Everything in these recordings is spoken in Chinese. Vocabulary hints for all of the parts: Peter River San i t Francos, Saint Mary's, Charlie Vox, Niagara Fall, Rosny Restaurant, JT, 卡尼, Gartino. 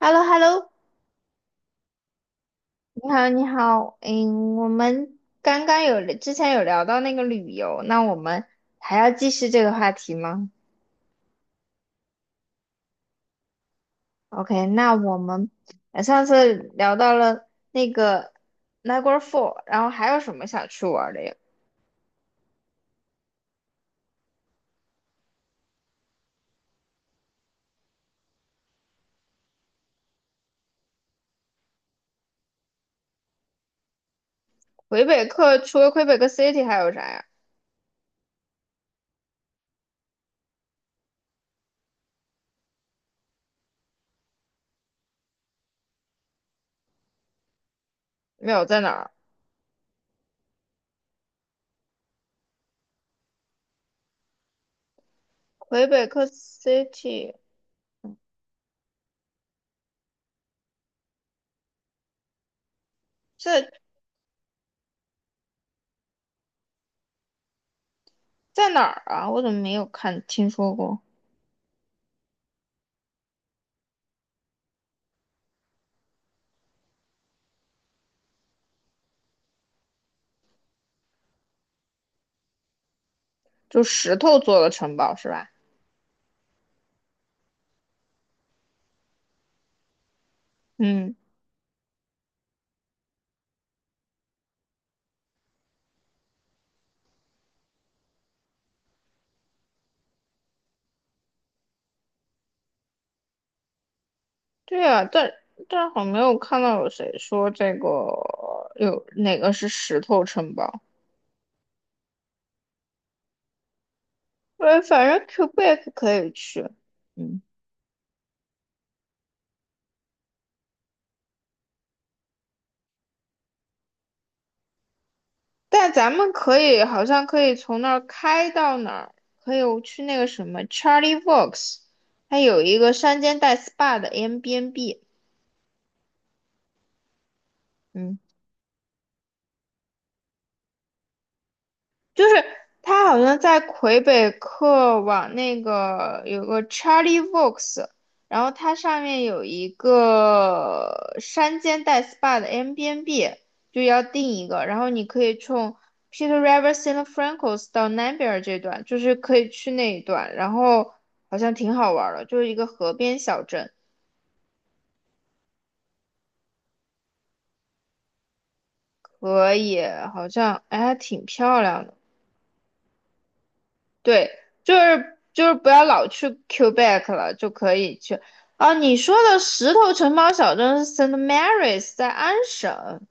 H e l l o, h e l l o. 你好，你好，嗯，我们刚刚有之前有聊到那个旅游，那我们还要继续这个话题吗？OK，那我们上次聊到了那个 Niagara Fall，然后还有什么想去玩的呀？魁北克除了魁北克 City 还有啥呀？没有，在哪儿？魁北克 City 在在哪儿啊？我怎么没有看听说过？就石头做的城堡是吧？嗯。对啊，但好像没有看到有谁说这个有哪个是石头城堡。呃，反正 Quebec 可以去，嗯，但咱们可以好像可以从那儿开到哪儿，可以去那个什么 Charlie Vox，它有一个山间带 SPA 的 Airbnb。嗯，就是它好像在魁北克往那个有个 Charlie Vox，然后它上面有一个山间带 SPA 的 Airbnb，就要订一个，然后你可以从 Peter River San i t Francos 到南边这段，就是可以去那一段，然后好像挺好玩的，就是一个河边小镇，可以，好像哎还挺漂亮的。对，就是不要老去 Quebec 了，就可以去。啊，你说的石头城堡小镇是 Saint Mary's，在安省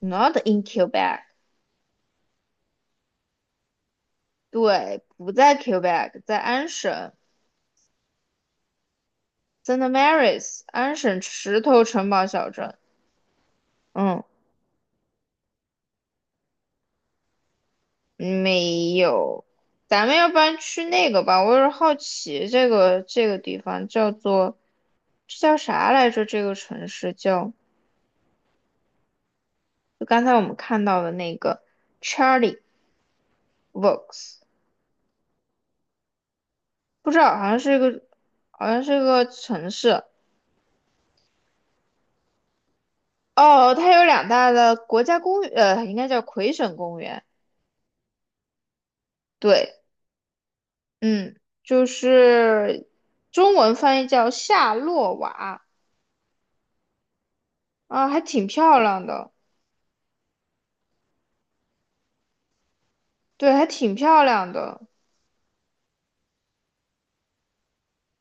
，not in Quebec。对，不在 Quebec，在安省 Saint Mary's，安省石头城堡小镇。嗯，没有。咱们要不然去那个吧，我有点好奇这个地方叫做这叫啥来着？这个城市叫就刚才我们看到的那个 Charlie Vox，不知道，好像是一个，好像是一个城市。哦，它有两大的国家公园，呃，应该叫魁省公园。对，嗯，就是中文翻译叫夏洛瓦啊，还挺漂亮的。对，还挺漂亮的。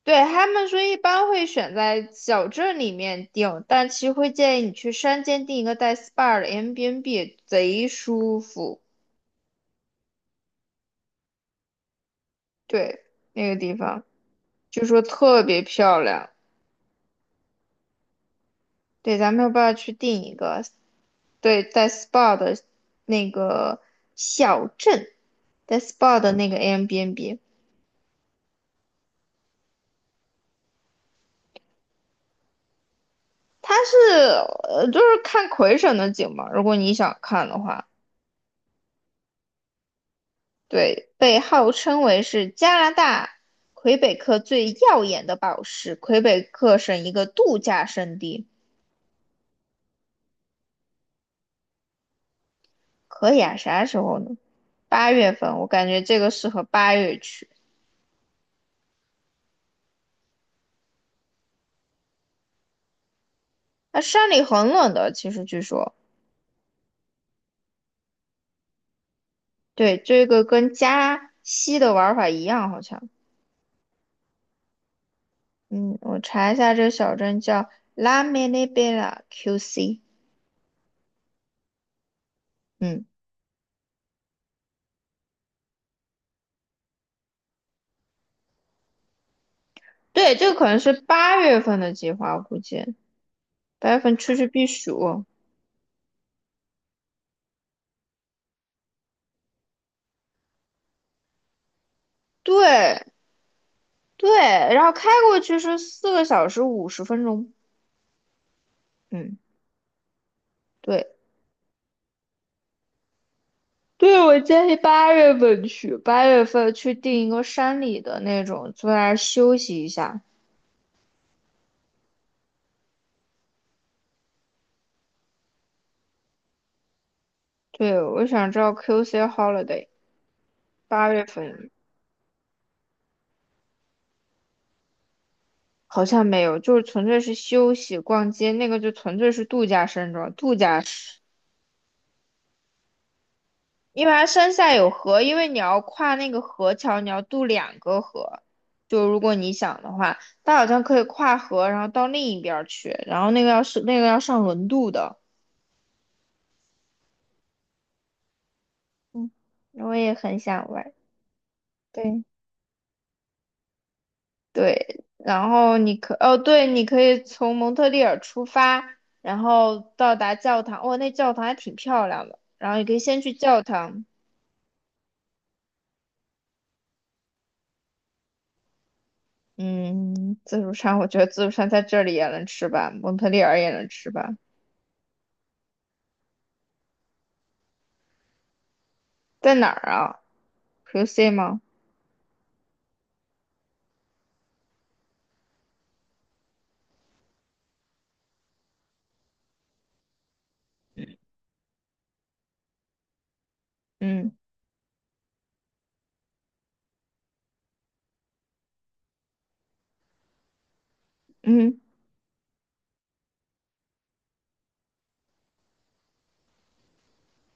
对，他们说一般会选在小镇里面订，但其实会建议你去山间订一个带 SPA 的 a i b n b 贼舒服。对，那个地方就说特别漂亮。对，咱们要不要去定一个？对，带 SPA 的那个小镇，带 SPA 的那个 Airbnb。它是，就是看魁省的景嘛。如果你想看的话，对，被号称为是加拿大魁北克最耀眼的宝石，魁北克省一个度假胜地。可以啊，啥时候呢？八月份，我感觉这个适合八月去。那山里很冷的，其实据说。对，这个跟加西的玩法一样，好像。嗯，我查一下，这个小镇叫拉梅内贝拉 QC。嗯，对，这个可能是八月份的计划，我估计八月份出去避暑。对对，然后开过去是4个小时50分钟。嗯，对对，我建议八月份去，八月份去订一个山里的那种，坐在那儿休息一下。对，我想知道 QC holiday 8月份。好像没有，就是纯粹是休息、逛街，那个就纯粹是度假山庄，度假，因为它山下有河，因为你要跨那个河桥，你要渡2个河，就如果你想的话，它好像可以跨河，然后到另一边儿去，然后那个要是那个要上轮渡的。嗯，我也很想玩，对对，然后你可哦，对，你可以从蒙特利尔出发，然后到达教堂，哦，那教堂还挺漂亮的，然后你可以先去教堂。嗯，自助餐，我觉得自助餐在这里也能吃吧，蒙特利尔也能吃吧。在哪儿啊？QC 吗？嗯嗯，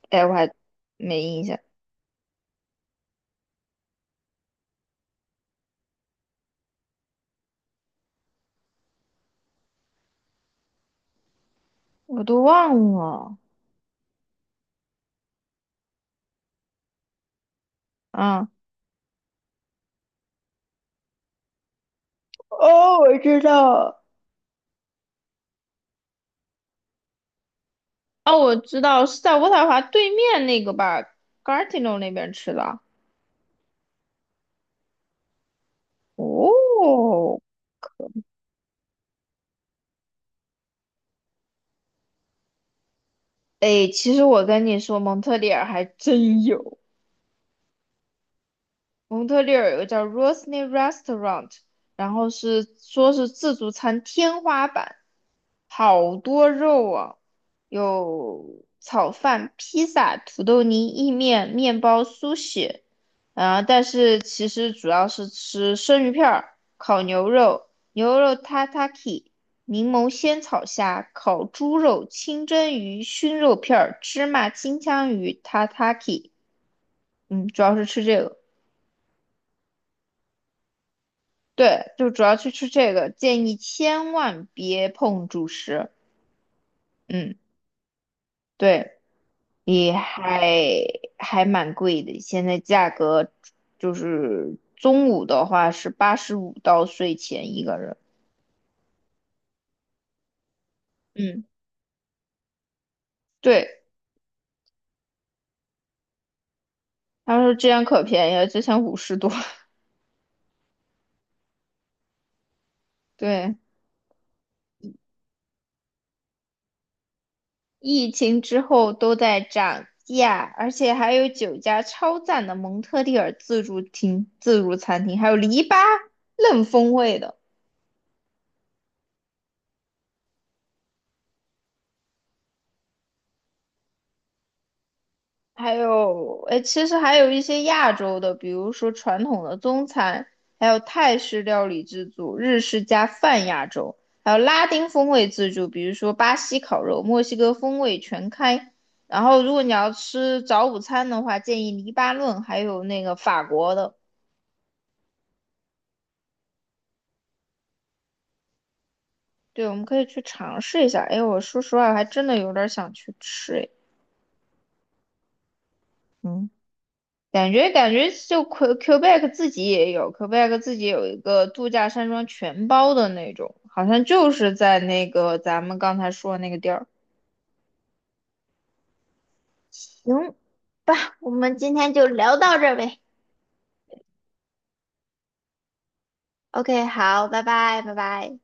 哎，我还没印象，我都忘了。啊，哦，我知道了。哦，我知道是在渥太华对面那个吧，Gartino 那边吃的。哦，哎，其实我跟你说，蒙特利尔还真有。蒙特利尔有个叫 Rosny Restaurant，然后是说是自助餐天花板，好多肉啊，有炒饭、披萨、土豆泥、意面、面包、苏式啊、但是其实主要是吃生鱼片儿、烤牛肉、牛肉 tataki、柠檬鲜草虾、烤猪肉、清蒸鱼、熏肉片儿、芝麻金枪鱼 tataki，嗯，主要是吃这个。对，就主要去吃这个，建议千万别碰主食。嗯，对，也还蛮贵的，现在价格就是中午的话是85到税前一个人。嗯，对，他说这样可便宜了，之前50多。对，疫情之后都在涨价，而且还有9家超赞的蒙特利尔自助厅、自助餐厅，还有篱笆嫩风味的。还有，哎，其实还有一些亚洲的，比如说传统的中餐，还有泰式料理自助、日式加泛亚洲，还有拉丁风味自助，比如说巴西烤肉、墨西哥风味全开。然后，如果你要吃早午餐的话，建议黎巴嫩还有那个法国的。对，我们可以去尝试一下。哎，我说实话，我还真的有点儿想去吃，哎，嗯，感觉就 Quebec 自己也有，Quebec 自己有一个度假山庄全包的那种，好像就是在那个咱们刚才说的那个地儿。行吧，我们今天就聊到这儿呗。OK，好，拜拜，拜拜。